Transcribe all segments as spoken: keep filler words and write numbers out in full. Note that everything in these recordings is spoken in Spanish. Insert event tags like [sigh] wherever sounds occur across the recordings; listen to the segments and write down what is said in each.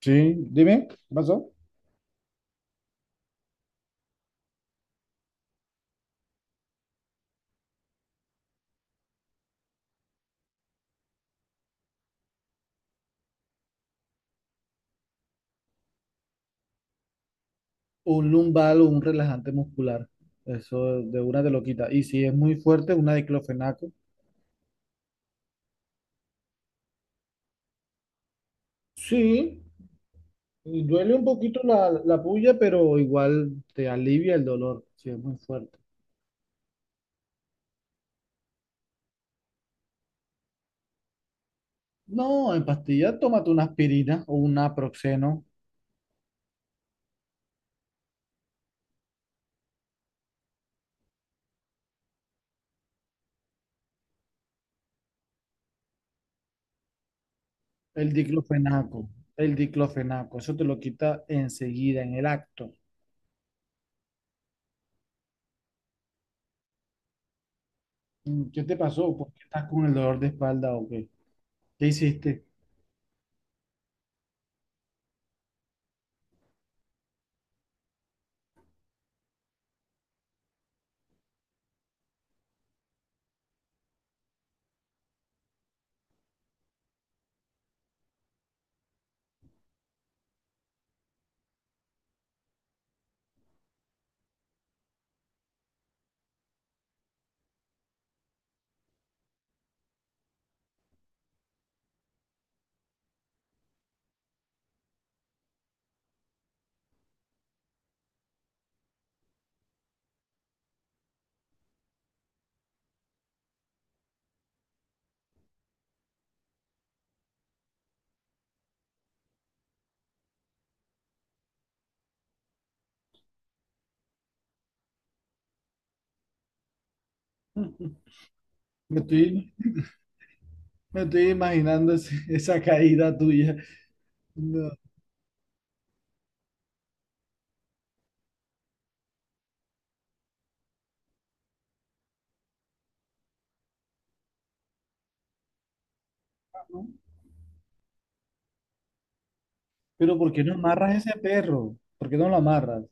Sí, dime, ¿qué pasó? Un lumbal o un relajante muscular. Eso de una te lo quita. Y si es muy fuerte, una diclofenaco. Sí, y duele un poquito la, la puya, pero igual te alivia el dolor si es muy fuerte. No, en pastilla, tómate una aspirina o un naproxeno. El diclofenaco, el diclofenaco, eso te lo quita enseguida, en el acto. Mm, ¿qué te pasó? ¿Por qué estás con el dolor de espalda o qué? ¿Qué hiciste? [laughs] Me estoy Me estoy imaginando ese- [laughs] esa caída tuya. No, no. Pero ¿por qué no amarras ese perro? ¿Por qué no lo amarras?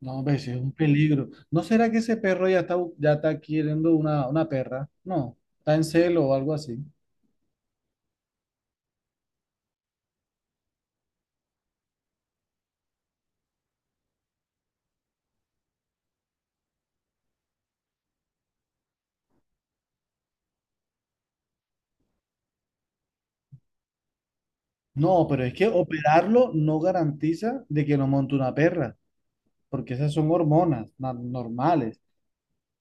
No, pues es un peligro. ¿No será que ese perro ya está, bu- ya está queriendo una, una perra? No, está en celo o algo así. No, pero es que operarlo no garantiza de que no monte una perra, porque esas son hormonas na- normales.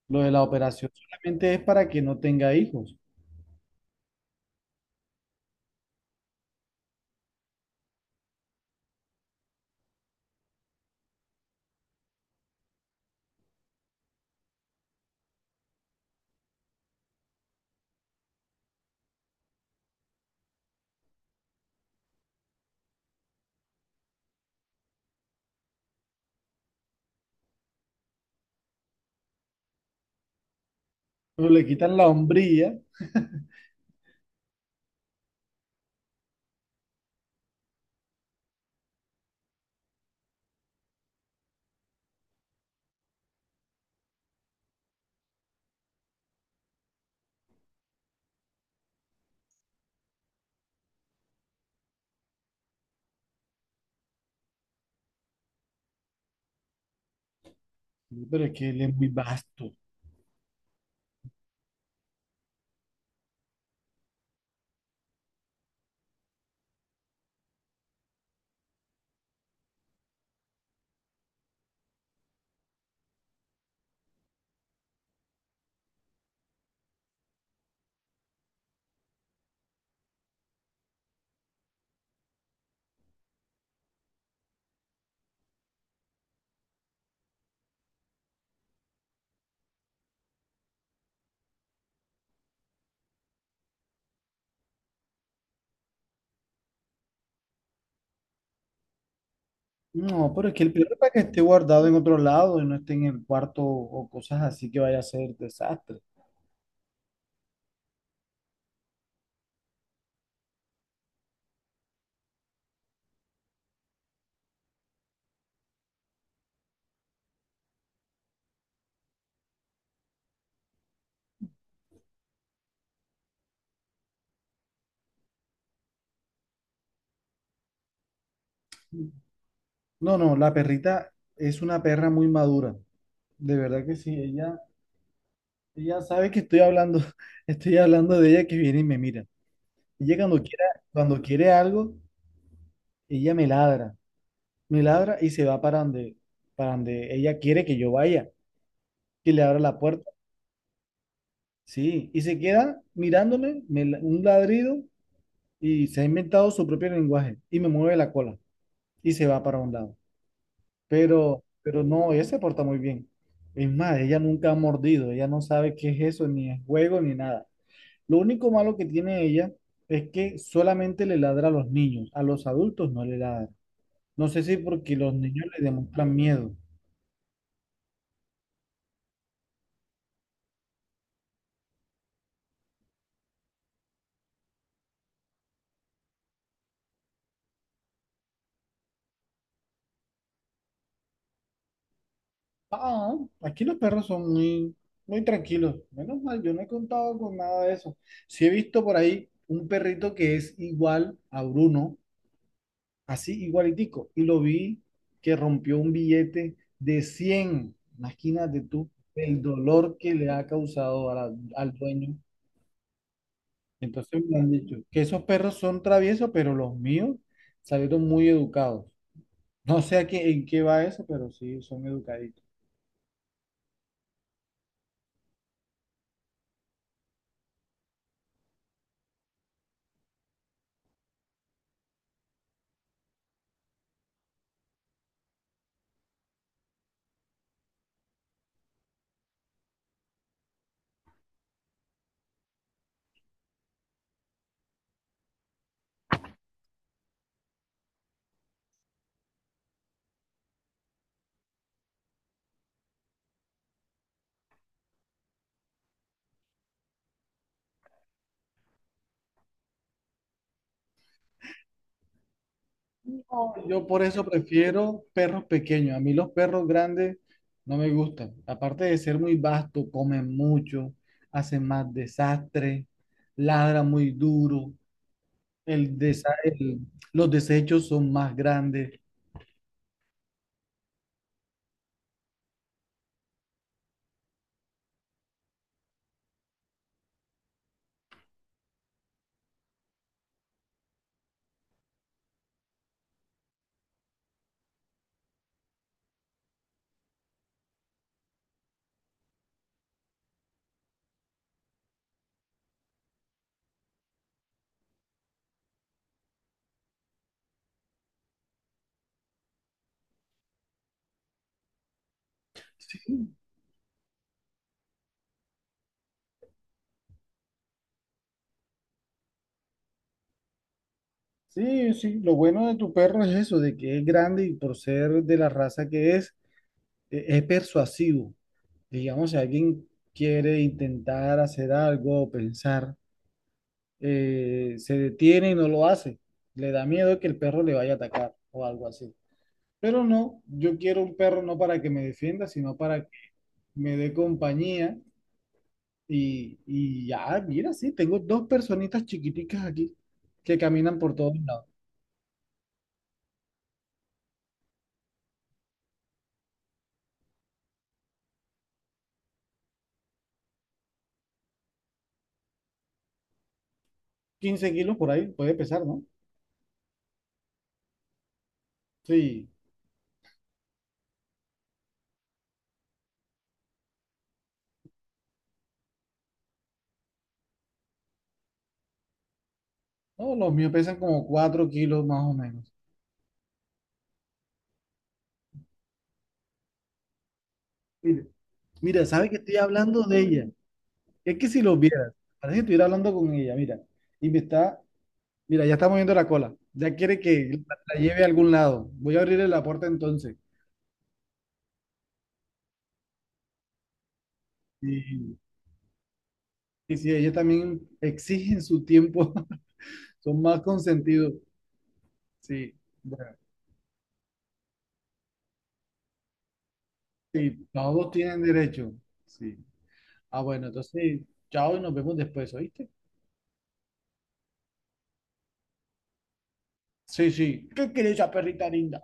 Lo de la operación solamente es para que no tenga hijos. Pero le quitan la hombría, pero es que él es muy vasto. No, pero es que el peor es para que esté guardado en otro lado y no esté en el cuarto o cosas así que vaya a ser desastre. No, no, la perrita es una perra muy madura. De verdad que sí, ella, ella sabe que estoy hablando, [laughs] estoy hablando de ella que viene y me mira. Ella cuando quiera, Cuando quiere algo, ella me ladra, me ladra y se va para donde, para donde ella quiere que yo vaya, que le abra la puerta. Sí, y se queda mirándome, me la- un ladrido y se ha inventado su propio lenguaje y me mueve la cola y se va para un lado. Pero, pero no, ella se porta muy bien. Es más, ella nunca ha mordido, ella no sabe qué es eso, ni es juego, ni nada. Lo único malo que tiene ella es que solamente le ladra a los niños, a los adultos no le ladra. No sé si porque los niños le demuestran miedo. Ah, aquí los perros son muy, muy tranquilos. Menos mal, yo no he contado con nada de eso. Sí he visto por ahí un perrito que es igual a Bruno, así igualitico. Y lo vi que rompió un billete de cien. Imagínate tú el dolor que le ha causado a la- al dueño. Entonces me han dicho que esos perros son traviesos, pero los míos salieron muy educados. No sé a qué, en qué va eso, pero sí son educaditos. No, yo por eso prefiero perros pequeños. A mí los perros grandes no me gustan. Aparte de ser muy vasto, comen mucho, hacen más desastre, ladran muy duro. El desa- el- los desechos son más grandes. Sí, sí, sí. Lo bueno de tu perro es eso, de que es grande y por ser de la raza que es, e- es persuasivo. Digamos, si alguien quiere intentar hacer algo o pensar, eh, se detiene y no lo hace. Le da miedo que el perro le vaya a atacar o algo así. Pero no, yo quiero un perro no para que me defienda, sino para que me dé compañía. Y, y ya, mira, sí, tengo dos personitas chiquiticas aquí que caminan por todos lados. Quince kilos por ahí puede pesar, ¿no? Sí. No, los míos pesan como cuatro kilos más o menos. Mira, mira, ¿sabes que estoy hablando de ella? Es que si lo vieras, parece que estuviera hablando con ella, mira. Y me está, mira, ya está moviendo la cola. Ya quiere que la, la lleve a algún lado. Voy a abrirle la puerta entonces. Y, y si ella también exigen su tiempo, [laughs] son más consentidos. Sí. Bueno, sí, todos tienen derecho. Sí. Ah, bueno, entonces, chao y nos vemos después, ¿oíste? Sí, sí. ¿Qué querés, esa perrita linda?